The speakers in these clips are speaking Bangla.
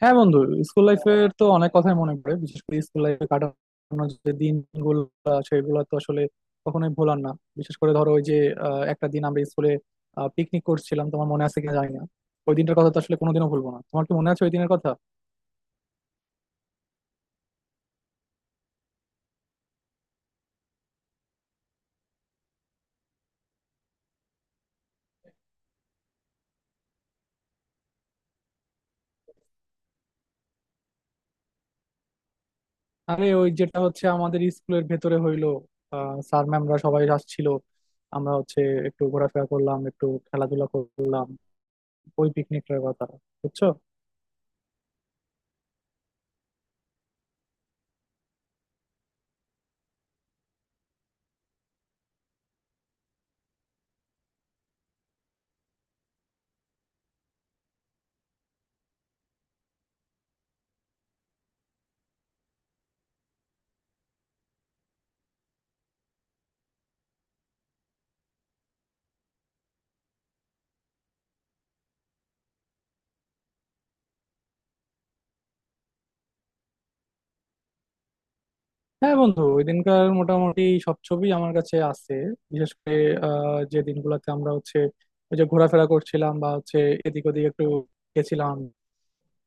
হ্যাঁ বন্ধু, স্কুল লাইফের তো অনেক কথাই মনে পড়ে। বিশেষ করে স্কুল লাইফে কাটানো যে দিনগুলো, সেগুলো তো আসলে কখনোই ভোলার না। বিশেষ করে ধরো, ওই যে একটা দিন আমরা স্কুলে পিকনিক করছিলাম, তোমার মনে আছে কিনা জানি না। ওই দিনটার কথা তো আসলে কোনোদিনও ভুলবো না, তোমার কি মনে আছে ওই দিনের কথা? আরে ওই যেটা হচ্ছে আমাদের স্কুলের ভেতরে হইলো, স্যার ম্যামরা সবাই আসছিল, আমরা হচ্ছে একটু ঘোরাফেরা করলাম, একটু খেলাধুলা করলাম, ওই পিকনিকটার কথা, বুঝছো? হ্যাঁ বন্ধু, ওই দিনকার মোটামুটি সব ছবি আমার কাছে আছে। বিশেষ করে যে দিনগুলোতে আমরা হচ্ছে ওই যে ঘোরাফেরা করছিলাম, বা হচ্ছে এদিক ওদিক একটু গেছিলাম,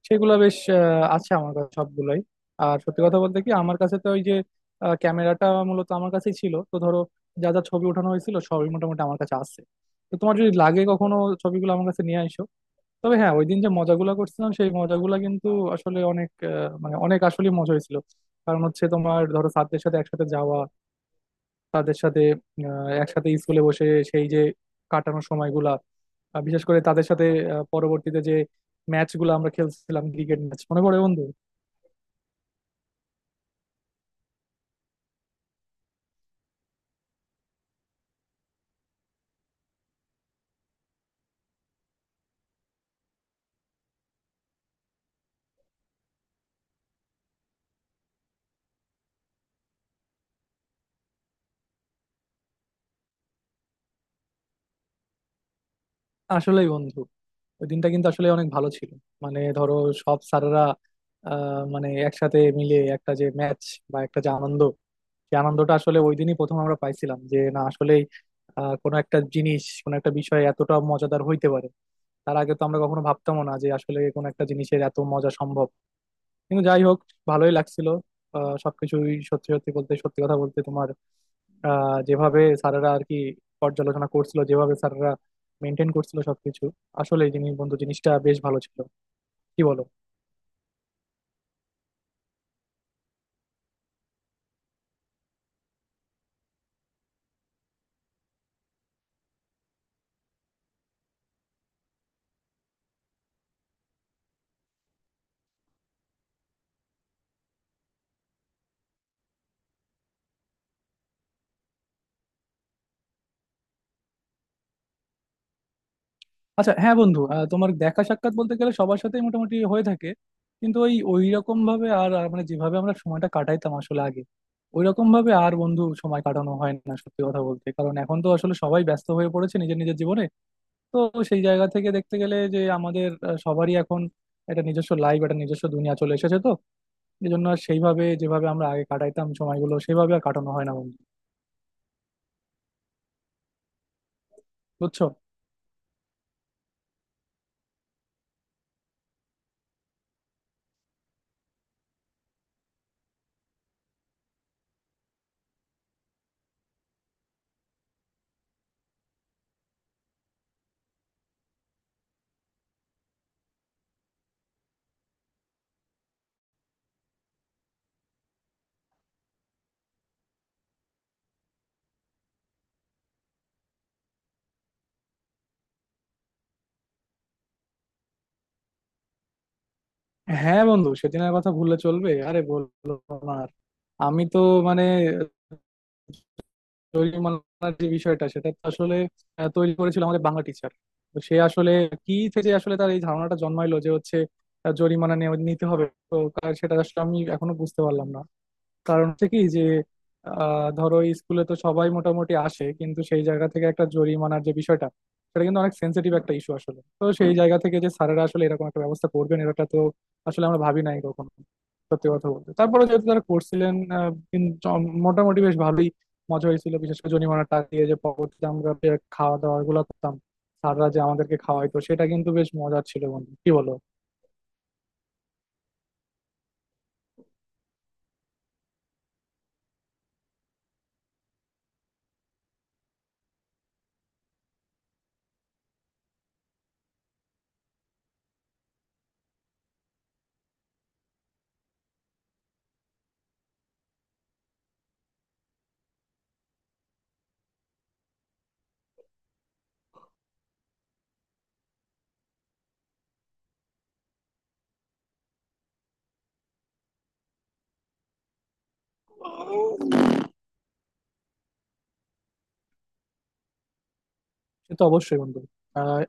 সেগুলো বেশ আছে আমার কাছে সবগুলোই। আর সত্যি কথা বলতে কি, আমার কাছে তো ওই যে ক্যামেরাটা মূলত আমার কাছেই ছিল তো, ধরো যা যা ছবি ওঠানো হয়েছিল সবই মোটামুটি আমার কাছে আছে। তো তোমার যদি লাগে কখনো, ছবিগুলো আমার কাছে নিয়ে আসো। তবে হ্যাঁ, ওই দিন যে মজাগুলা করছিলাম, সেই মজাগুলা কিন্তু আসলে অনেক আহ, মানে অনেক আসলে মজা হয়েছিল। কারণ হচ্ছে, তোমার ধরো ছাত্রদের সাথে একসাথে যাওয়া, তাদের সাথে একসাথে স্কুলে বসে সেই যে কাটানোর সময়গুলা, বিশেষ করে তাদের সাথে পরবর্তীতে যে ম্যাচ গুলো আমরা খেলছিলাম, ক্রিকেট ম্যাচ মনে পড়ে বন্ধু? আসলেই বন্ধু, ওই দিনটা কিন্তু আসলে অনেক ভালো ছিল। মানে ধরো সব স্যারেরা মানে একসাথে মিলে একটা যে ম্যাচ, বা একটা যে আনন্দ, সেই আনন্দটা আসলে ওই দিনই প্রথম আমরা পাইছিলাম, যে না আসলেই কোনো একটা জিনিস, কোনো একটা বিষয় এতটা মজাদার হইতে পারে। তার আগে তো আমরা কখনো ভাবতামও না যে আসলে কোনো একটা জিনিসের এত মজা সম্ভব। কিন্তু যাই হোক, ভালোই লাগছিল। সবকিছুই, সত্যি সত্যি বলতে সত্যি কথা বলতে তোমার যেভাবে স্যারেরা আর কি পর্যালোচনা করছিল, যেভাবে স্যারেরা মেনটেন করছিল সবকিছু, আসলে বন্ধু জিনিসটা বেশ ভালো ছিল, কি বলো? আচ্ছা হ্যাঁ বন্ধু, তোমার দেখা সাক্ষাৎ বলতে গেলে সবার সাথেই মোটামুটি হয়ে থাকে, কিন্তু ওই ওই রকম ভাবে আর আর মানে যেভাবে আমরা সময়টা কাটাইতাম আসলে আগে, ওই রকম ভাবে আর বন্ধু সময় কাটানো হয় না সত্যি কথা বলতে। কারণ এখন তো আসলে সবাই ব্যস্ত হয়ে পড়েছে নিজের নিজের জীবনে। তো সেই জায়গা থেকে দেখতে গেলে যে আমাদের সবারই এখন একটা নিজস্ব লাইফ, একটা নিজস্ব দুনিয়া চলে এসেছে, তো এই জন্য আর সেইভাবে, যেভাবে আমরা আগে কাটাইতাম সময়গুলো সেইভাবে আর কাটানো হয় না বন্ধু। বুঝছো? হ্যাঁ বন্ধু, সেদিনের কথা ভুললে চলবে? আরে বললো না আর। আমি তো মানে জরিমানার যে বিষয়টা, সেটা তো আসলে তৈরি করেছিল আমাদের বাংলা টিচার। তো সে আসলে কি থেকে আসলে তার এই ধারণাটা জন্মাইলো যে হচ্ছে জরিমানা নিতে হবে, তো সেটা আসলে আমি এখনো বুঝতে পারলাম না। কারণ হচ্ছে কি, যে ধরো এই স্কুলে তো সবাই মোটামুটি আসে, কিন্তু সেই জায়গা থেকে একটা জরিমানার যে বিষয়টা, সেটা কিন্তু অনেক সেন্সিটিভ একটা ইস্যু আসলে। তো সেই জায়গা থেকে যে স্যারেরা আসলে এরকম একটা ব্যবস্থা করবেন, এটা তো আসলে আমরা ভাবি নাই কখনো সত্যি কথা বলতে। তারপরে যেহেতু তারা করছিলেন মোটামুটি বেশ ভালোই মজা হয়েছিল। বিশেষ করে জরিমানার টাকা দিয়ে যে পরবর্তীতে আমরা যে খাওয়া দাওয়া গুলো করতাম, স্যাররা যে আমাদেরকে খাওয়াইতো, সেটা কিন্তু বেশ মজার ছিল বন্ধু, কি বলো? সে তো অবশ্যই বন্ধু। আহ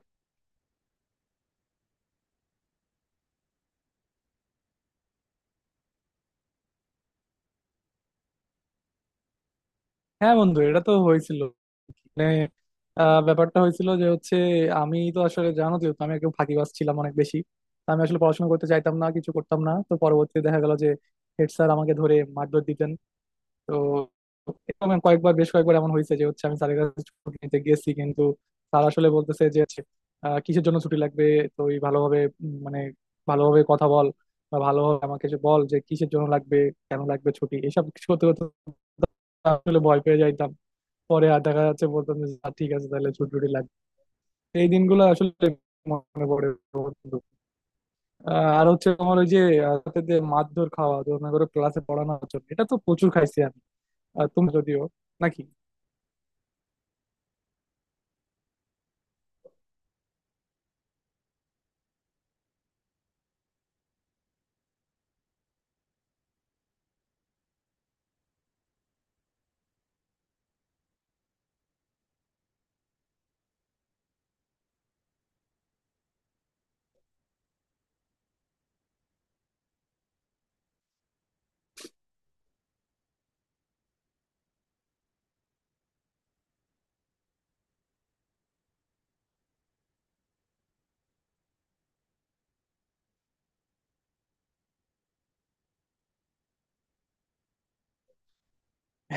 হ্যাঁ বন্ধু, এটা তো হয়েছিল, মানে ব্যাপারটা হয়েছিল যে হচ্ছে, আমি তো আসলে, জানো তো আমি একটু ফাঁকিবাজ ছিলাম অনেক বেশি। তো আমি আসলে পড়াশোনা করতে চাইতাম না, কিছু করতাম না, তো পরবর্তীতে দেখা গেল যে হেড স্যার আমাকে ধরে মারধর দিতেন। তো এরকম বেশ কয়েকবার এমন হয়েছে যে হচ্ছে, আমি স্যারের কাছে ছুটি নিতে গেছি, কিন্তু স্যার আসলে বলতেছে যে হচ্ছে, কিসের জন্য ছুটি লাগবে? তুই ভালোভাবে উম, মানে ভালোভাবে কথা বল, বা ভালোভাবে আমাকে যে বল যে কিসের জন্য লাগবে, কেন লাগবে ছুটি, এসব কিছু করতে করতে আসলে ভয় পেয়ে যাইতাম। পরে আর দেখা যাচ্ছে বলতাম যে ঠিক আছে তাহলে ছুটি টুটি লাগবে।" এই দিনগুলো আসলে মনে পড়ে বন্ধু। আর হচ্ছে তোমার ওই যে রাতে যে মারধর খাওয়া, তো মনে করো ক্লাসে পড়ানোর জন্য এটা তো প্রচুর খাইছি আমি। আর তুমি যদিও, নাকি?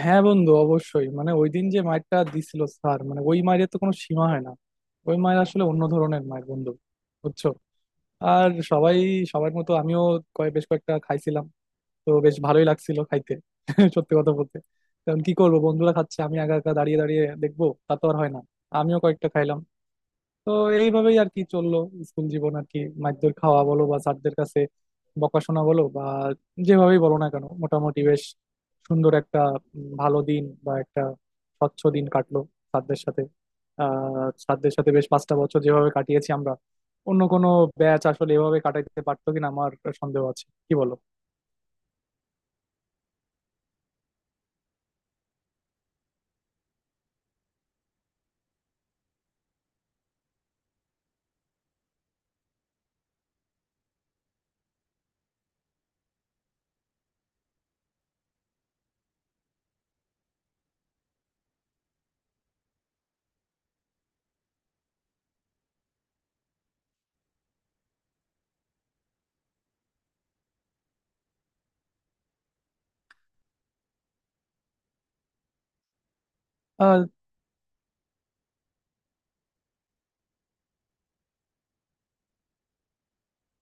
হ্যাঁ বন্ধু, অবশ্যই, মানে ওই দিন যে মারটা দিছিল স্যার, মানে ওই মায়ের তো কোনো সীমা হয় না। ওই মায়ের আসলে অন্য ধরনের মায়ের বন্ধু, বুঝছো? আর সবাই, সবার মতো আমিও বেশ কয়েকটা খাইছিলাম, তো বেশ ভালোই লাগছিল খাইতে। সত্যি কথা বলতে, কারণ কি করবো, বন্ধুরা খাচ্ছে, আমি একা একা দাঁড়িয়ে দাঁড়িয়ে দেখবো, তা তো আর হয় না। আমিও কয়েকটা খাইলাম। তো এইভাবেই আর কি চললো স্কুল জীবন আর কি। মারধর খাওয়া বলো, বা স্যারদের কাছে বকাশোনা বলো, বা যেভাবেই বলো না কেন, মোটামুটি বেশ সুন্দর একটা ভালো দিন, বা একটা স্বচ্ছ দিন কাটলো স্যারদের সাথে। স্যারদের সাথে বেশ 5টা বছর যেভাবে কাটিয়েছি আমরা, অন্য কোনো ব্যাচ আসলে এভাবে কাটাইতে পারতো কিনা আমার সন্দেহ আছে, কি বলো?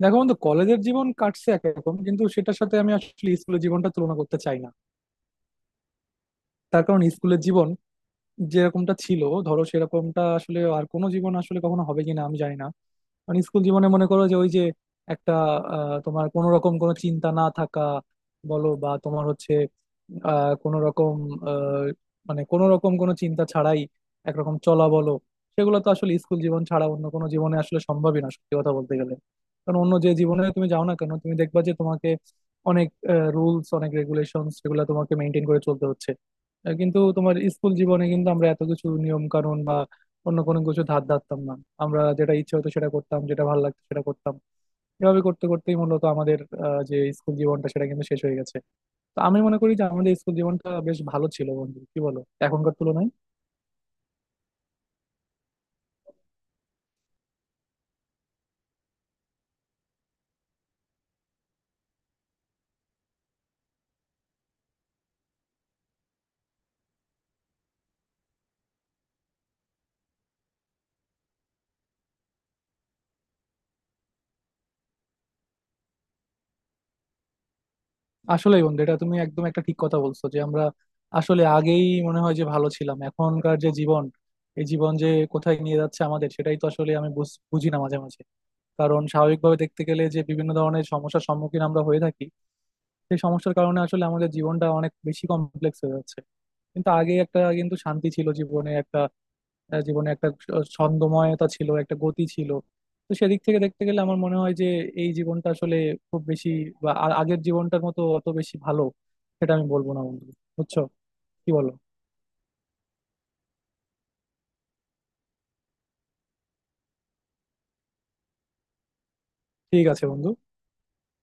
দেখো বন্ধু, কলেজের জীবন কাটছে একরকম, কিন্তু সেটার সাথে আমি আসলে স্কুলের জীবনটা তুলনা করতে চাই না। তার কারণ স্কুলের জীবন যেরকমটা ছিল, ধরো সেরকমটা আসলে আর কোনো জীবন আসলে কখনো হবে কিনা আমি জানি না। মানে স্কুল জীবনে মনে করো যে ওই যে একটা তোমার কোনো রকম কোনো চিন্তা না থাকা বলো, বা তোমার হচ্ছে আহ, কোনো রকম আহ, মানে কোনো রকম কোনো চিন্তা ছাড়াই একরকম চলা বলো, সেগুলো তো আসলে স্কুল জীবন ছাড়া অন্য কোনো জীবনে আসলে সম্ভবই না সত্যি কথা বলতে গেলে। কারণ অন্য যে জীবনে তুমি যাও না কেন, তুমি দেখবা যে তোমাকে অনেক রুলস, অনেক রেগুলেশন, সেগুলো তোমাকে মেনটেন করে চলতে হচ্ছে। কিন্তু তোমার স্কুল জীবনে কিন্তু আমরা এত কিছু নিয়ম কানুন অন্য কোনো কিছু ধার ধারতাম না। আমরা যেটা ইচ্ছে হতো সেটা করতাম, যেটা ভালো লাগতো সেটা করতাম। এভাবে করতে করতেই মূলত আমাদের যে স্কুল জীবনটা, সেটা কিন্তু শেষ হয়ে গেছে। তো আমি মনে করি যে আমাদের স্কুল জীবনটা বেশ ভালো ছিল বন্ধু, কি বলো, এখনকার তুলনায়? আসলেই বন্ধু, এটা তুমি একদম একটা ঠিক কথা বলছো যে আমরা আসলে আগেই মনে হয় যে ভালো ছিলাম। এখনকার যে জীবন, এই জীবন যে কোথায় নিয়ে যাচ্ছে আমাদের, সেটাই তো আসলে আমি বুঝি না মাঝে মাঝে। কারণ স্বাভাবিকভাবে দেখতে গেলে যে বিভিন্ন ধরনের সমস্যার সম্মুখীন আমরা হয়ে থাকি, সেই সমস্যার কারণে আসলে আমাদের জীবনটা অনেক বেশি কমপ্লেক্স হয়ে যাচ্ছে। কিন্তু আগে একটা কিন্তু শান্তি ছিল জীবনে, একটা জীবনে একটা ছন্দময়তা ছিল, একটা গতি ছিল। তো সেদিক থেকে দেখতে গেলে আমার মনে হয় যে এই জীবনটা আসলে খুব বেশি, বা আগের জীবনটার মতো অত বেশি ভালো সেটা আমি বলবো না বন্ধু, বুঝছো, কি বলো? ঠিক আছে বন্ধু।